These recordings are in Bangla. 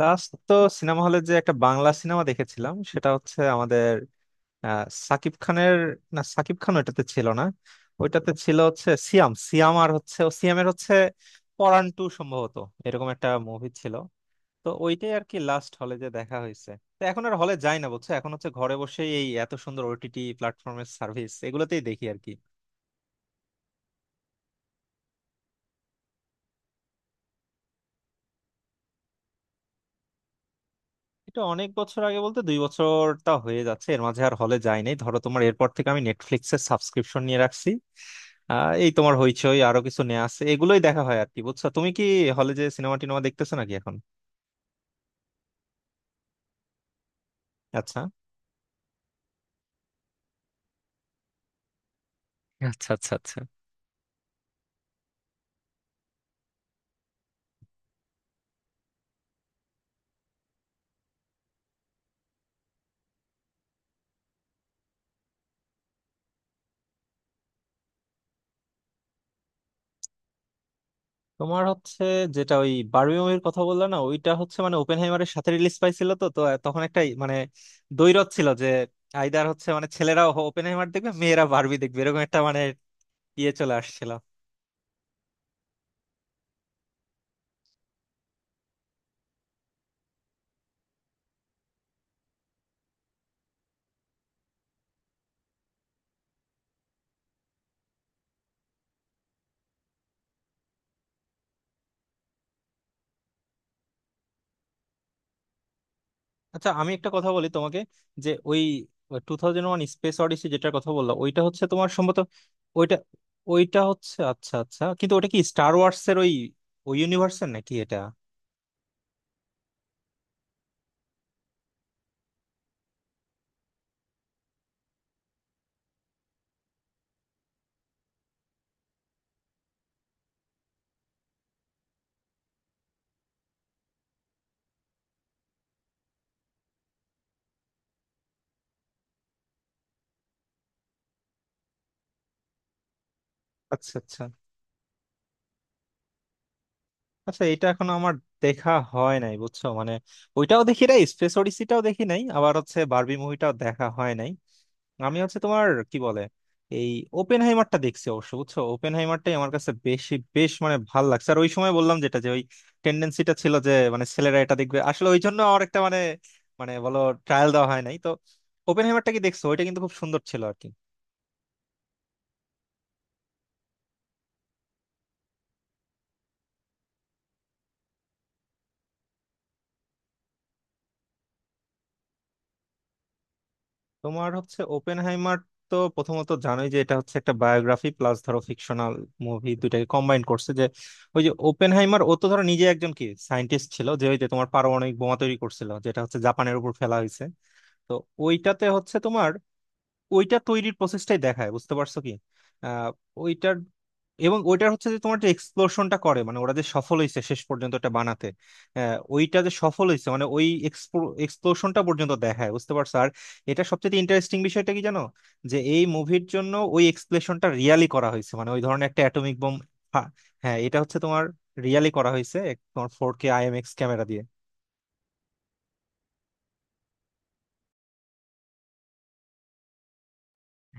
লাস্ট তো সিনেমা হলে যে একটা বাংলা সিনেমা দেখেছিলাম সেটা হচ্ছে আমাদের সাকিব খানের। না, সাকিব খান ওইটাতে ছিল না। ওইটাতে ছিল হচ্ছে সিয়াম সিয়াম আর হচ্ছে ও সিয়ামের হচ্ছে পরান টু সম্ভবত। এরকম একটা মুভি ছিল। তো ওইটাই আর কি লাস্ট হলে যে দেখা হয়েছে। তো এখন আর হলে যাই না বুঝছো। এখন হচ্ছে ঘরে বসেই এই এত সুন্দর ওটিটি প্ল্যাটফর্মের সার্ভিস এগুলোতেই দেখি আর কি। এটা অনেক বছর আগে বলতে দুই বছরটা হয়ে যাচ্ছে, এর মাঝে আর হলে যাই নাই ধরো তোমার। এরপর থেকে আমি নেটফ্লিক্সের সাবস্ক্রিপশন নিয়ে রাখছি। এই তোমার হইচই আরো কিছু নেওয়া আছে, এগুলোই দেখা হয় আর কি বুঝছো। তুমি কি হলে যে সিনেমা টিনেমা দেখতেছো নাকি এখন? আচ্ছা আচ্ছা আচ্ছা। আচ্ছা তোমার হচ্ছে, যেটা ওই বারবি মুভির কথা বললা না ওইটা হচ্ছে মানে ওপেনহাইমারের সাথে রিলিজ পাইছিল তো তো। তখন একটা মানে দ্বৈরথ ছিল যে আইদার হচ্ছে মানে ছেলেরা ওপেনহাইমার দেখবে, মেয়েরা বারবি দেখবে, এরকম একটা মানে ইয়ে চলে আসছিল। আচ্ছা আমি একটা কথা বলি তোমাকে, যে ওই two thousand one Space Odyssey যেটার কথা বললাম ওইটা হচ্ছে তোমার সম্ভবত ওইটা ওইটা হচ্ছে আচ্ছা আচ্ছা, কিন্তু ওটা কি স্টার ওয়ার্স এর ওই ওই ইউনিভার্সের নাকি এটা? আচ্ছা আচ্ছা আচ্ছা। এটা এখন আমার দেখা হয় নাই বুঝছো। মানে ওইটাও দেখি নাই, স্পেস অডিসিটাও দেখি নাই, আবার হচ্ছে বারবি মুভিটাও দেখা হয় নাই। আমি হচ্ছে তোমার কি বলে এই ওপেন হাইমারটা দেখছি অবশ্য বুঝছো। ওপেন হাইমারটাই আমার কাছে বেশি বেশ মানে ভাল লাগছে। আর ওই সময় বললাম যেটা, যে ওই টেন্ডেন্সিটা ছিল যে মানে ছেলেরা এটা দেখবে, আসলে ওই জন্য আমার একটা মানে মানে বলো ট্রায়াল দেওয়া হয় নাই তো। ওপেন হাইমারটা কি দেখছো? ওইটা কিন্তু খুব সুন্দর ছিল আর কি। তোমার হচ্ছে ওপেন হাইমার, তো প্রথমত জানোই যে এটা হচ্ছে একটা বায়োগ্রাফি প্লাস ধরো ফিকশনাল মুভি দুইটাকে কম্বাইন করছে। যে ওই যে ওপেন হাইমার ও তো ধরো নিজে একজন কি সায়েন্টিস্ট ছিল যে ওই যে তোমার পারমাণবিক বোমা তৈরি করছিল, যেটা হচ্ছে জাপানের উপর ফেলা হয়েছে। তো ওইটাতে হচ্ছে তোমার ওইটা তৈরির প্রসেসটাই দেখায় বুঝতে পারছো কি। আহ ওইটার এবং ওইটার হচ্ছে যে তোমার যে এক্সপ্লোশনটা করে মানে ওরা যে সফল হয়েছে শেষ পর্যন্ত এটা বানাতে। ওইটা যে সফল হয়েছে মানে ওই এক্সপ্লোশনটা পর্যন্ত দেখায় বুঝতে পারছো। আর এটা সবচেয়ে ইন্টারেস্টিং বিষয়টা কি জানো, যে এই মুভির জন্য ওই এক্সপ্লেশনটা রিয়ালি করা হয়েছে, মানে ওই ধরনের একটা অ্যাটমিক বোম। হ্যাঁ, এটা হচ্ছে তোমার রিয়ালি করা হয়েছে তোমার 4K আইএমএক্স ক্যামেরা দিয়ে।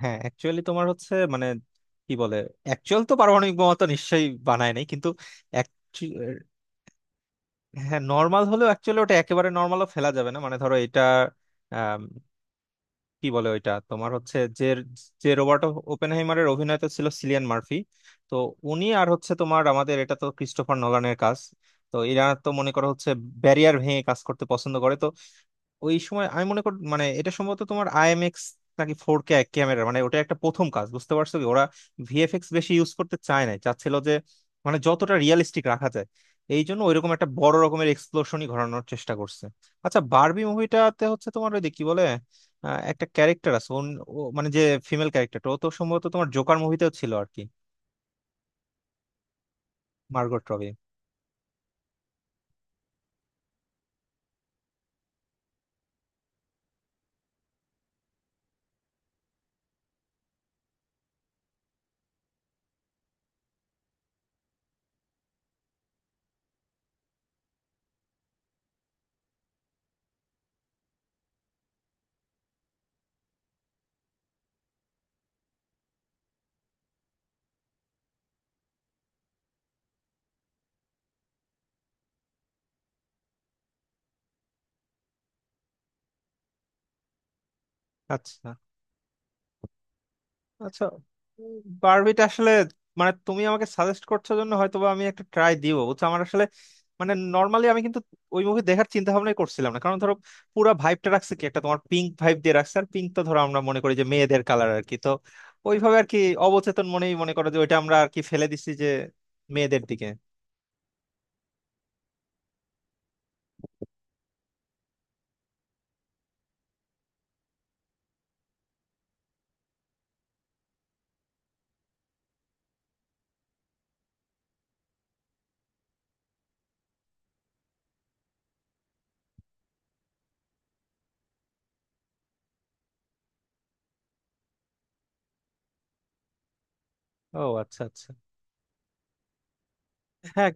হ্যাঁ অ্যাকচুয়ালি তোমার হচ্ছে মানে কি বলে অ্যাকচুয়াল তো পারমাণবিক বোমা তো নিশ্চয়ই বানায় নাই, কিন্তু actu- হ্যাঁ নর্মাল হলেও অ্যাকচুয়ালি ওটা একেবারে নর্মালও ফেলা যাবে না মানে ধরো এটা আম, কি বলে ওইটা তোমার হচ্ছে যে যে রোবার্ট ওপেনহাইমারের অভিনেতা ছিল সিলিয়ান মার্ফি। তো উনি আর হচ্ছে তোমার আমাদের এটা তো ক্রিস্টোফার নোলানের কাজ। তো এরা তো মনে করো হচ্ছে ব্যারিয়ার ভেঙে কাজ করতে পছন্দ করে। ওই সময় আমি মনে করি মানে এটা সম্ভবত তোমার আইএমএক্স নাকি 4K ক্যামেরা মানে ওটা একটা প্রথম কাজ বুঝতে পারছো কি। ওরা ভিএফএক্স বেশি ইউজ করতে চায় না, চাচ্ছিল যে মানে যতটা রিয়েলিস্টিক রাখা যায়। এই জন্য ওইরকম একটা বড় রকমের এক্সপ্লোশনই ঘটানোর চেষ্টা করছে। আচ্ছা, বারবি মুভিটাতে হচ্ছে তোমার ওই যে কি বলে একটা ক্যারেক্টার আছে ও মানে যে ফিমেল ক্যারেক্টারটা ও তো সম্ভবত তোমার জোকার মুভিতেও ছিল আর কি। Margot Robbie. আচ্ছা আচ্ছা। বারবিটা আসলে মানে তুমি আমাকে সাজেস্ট করছো জন্য হয়তোবা আমি একটা ট্রাই দিব বুঝছো। আমার আসলে মানে নর্মালি আমি কিন্তু ওই মুভি দেখার চিন্তা ভাবনাই করছিলাম না, কারণ ধরো পুরো ভাইবটা রাখছে কি একটা তোমার পিঙ্ক ভাইব দিয়ে রাখছে। আর পিঙ্ক তো ধরো আমরা মনে করি যে মেয়েদের কালার আর কি, তো ওইভাবে আর কি অবচেতন মনেই মনে করো যে ওইটা আমরা আর কি ফেলে দিছি যে মেয়েদের দিকে। ও আচ্ছা আচ্ছা। হ্যাঁ,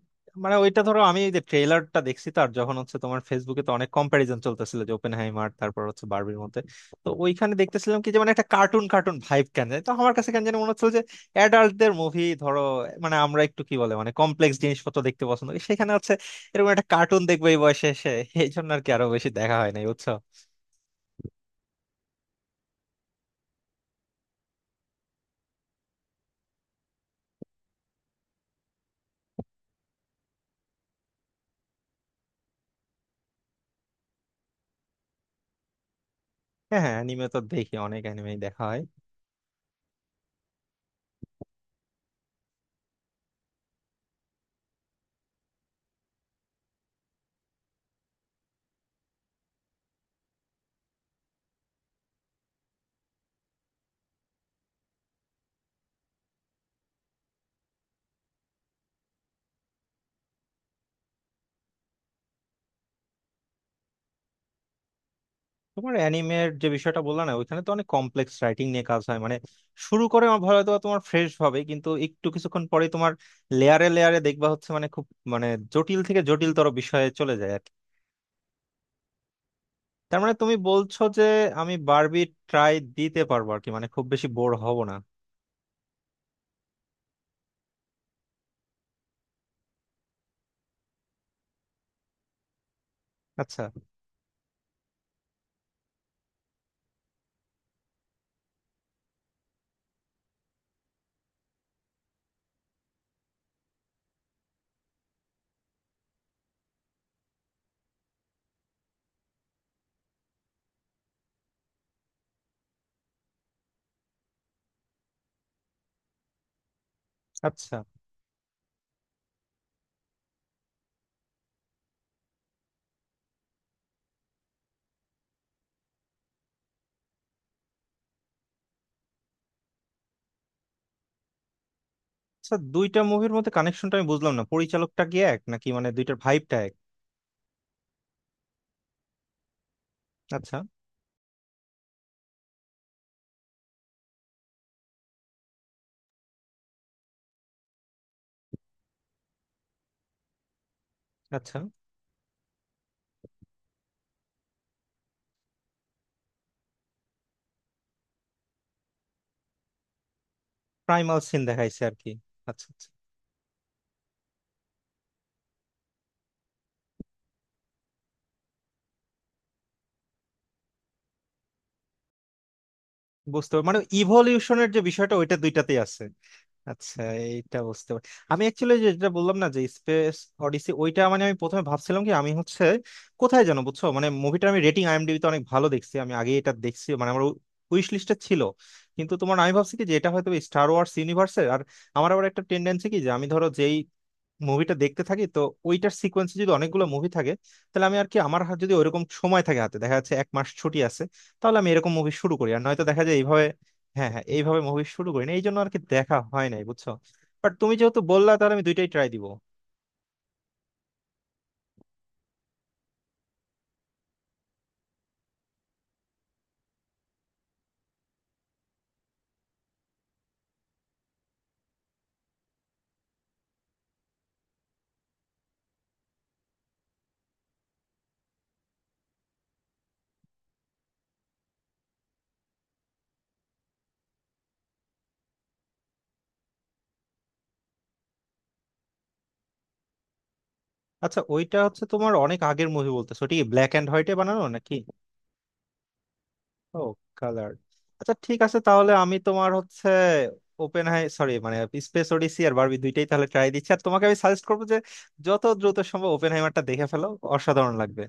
মানে ওইটা ধরো আমি এই যে ট্রেলারটা দেখছি, তার যখন হচ্ছে তোমার ফেসবুকে তো অনেক কম্প্যারিজন চলতেছিল যে ওপেনহাইমার তারপর হচ্ছে বার্বির মধ্যে। তো ওইখানে দেখতেছিলাম কি যে মানে একটা কার্টুন কার্টুন ভাইব কেন জানি, তো আমার কাছে কেন জানি মনে হচ্ছিল যে অ্যাডাল্টদের মুভি ধরো মানে আমরা একটু কি বলে মানে কমপ্লেক্স জিনিসপত্র দেখতে পছন্দ করি, সেখানে হচ্ছে এরকম একটা কার্টুন দেখবো এই বয়সে এসে। এই জন্য আর কি আরো বেশি দেখা হয় নাই বুঝছো। হ্যাঁ হ্যাঁ অ্যানিমে তো দেখি, অনেক অ্যানিমেই দেখা হয়। তোমার অ্যানিমের যে বিষয়টা বললা না, ওইখানে তো অনেক কমপ্লেক্স রাইটিং নিয়ে কাজ হয় মানে শুরু করে আমার হয়তো বা তোমার ফ্রেশ ভাবে, কিন্তু একটু কিছুক্ষণ পরেই তোমার লেয়ারে লেয়ারে দেখবা হচ্ছে মানে খুব মানে জটিল থেকে জটিলতর বিষয়ে চলে যায় আর কি। তার মানে তুমি বলছো যে আমি বারবি ট্রাই দিতে পারবো আর কি, মানে খুব বেশি বোর হব না। আচ্ছা আচ্ছা আচ্ছা, দুইটা মুভির মধ্যে কানেকশনটা আমি বুঝলাম না, পরিচালকটা কি এক নাকি মানে দুইটার ভাইবটা এক? আচ্ছা আচ্ছা। প্রাইমাল সিন দেখাইছে আর কি। আচ্ছা আচ্ছা। মানে ইভলিউশনের যে বিষয়টা ওইটা দুইটাতেই আছে। আচ্ছা, এইটা বুঝতে পারি। আমি অ্যাকচুয়ালি যেটা বললাম না যে স্পেস অডিসি, ওইটা মানে আমি প্রথমে ভাবছিলাম কি আমি হচ্ছে কোথায় জানো বুঝছো, মানে মুভিটা আমি রেটিং আইএমডিবিতে অনেক ভালো দেখছি, আমি আগে এটা দেখছি মানে আমার উইশ লিস্টে ছিল। কিন্তু তোমার আমি ভাবছি কি যে এটা হয়তো স্টার ওয়ার্স ইউনিভার্সের, আর আমার আবার একটা টেন্ডেন্সি কি যে আমি ধরো যেই মুভিটা দেখতে থাকি তো ওইটার সিকোয়েন্সে যদি অনেকগুলো মুভি থাকে, তাহলে আমি আর কি আমার হাতে যদি ওইরকম সময় থাকে, হাতে দেখা যাচ্ছে 1 মাস ছুটি আছে, তাহলে আমি এরকম মুভি শুরু করি আর নয়তো দেখা যায় এইভাবে। হ্যাঁ হ্যাঁ, এইভাবে মুভি শুরু করি না, এই জন্য আর কি দেখা হয় নাই বুঝছো। বাট তুমি যেহেতু বললা তাহলে আমি দুইটাই ট্রাই দিব। আচ্ছা, ওইটা হচ্ছে তোমার অনেক আগের মুভি বলতেছো ঠিক, ব্ল্যাক এন্ড হোয়াইটে বানানো নাকি? ও, কালার। আচ্ছা, ঠিক আছে, তাহলে আমি তোমার হচ্ছে ওপেন হাই সরি মানে স্পেস ওডিসি আর বারবি দুইটাই তাহলে ট্রাই দিচ্ছি। আর তোমাকে আমি সাজেস্ট করবো যে যত দ্রুত সম্ভব ওপেন হাইমারটা দেখে ফেলো। অসাধারণ লাগবে।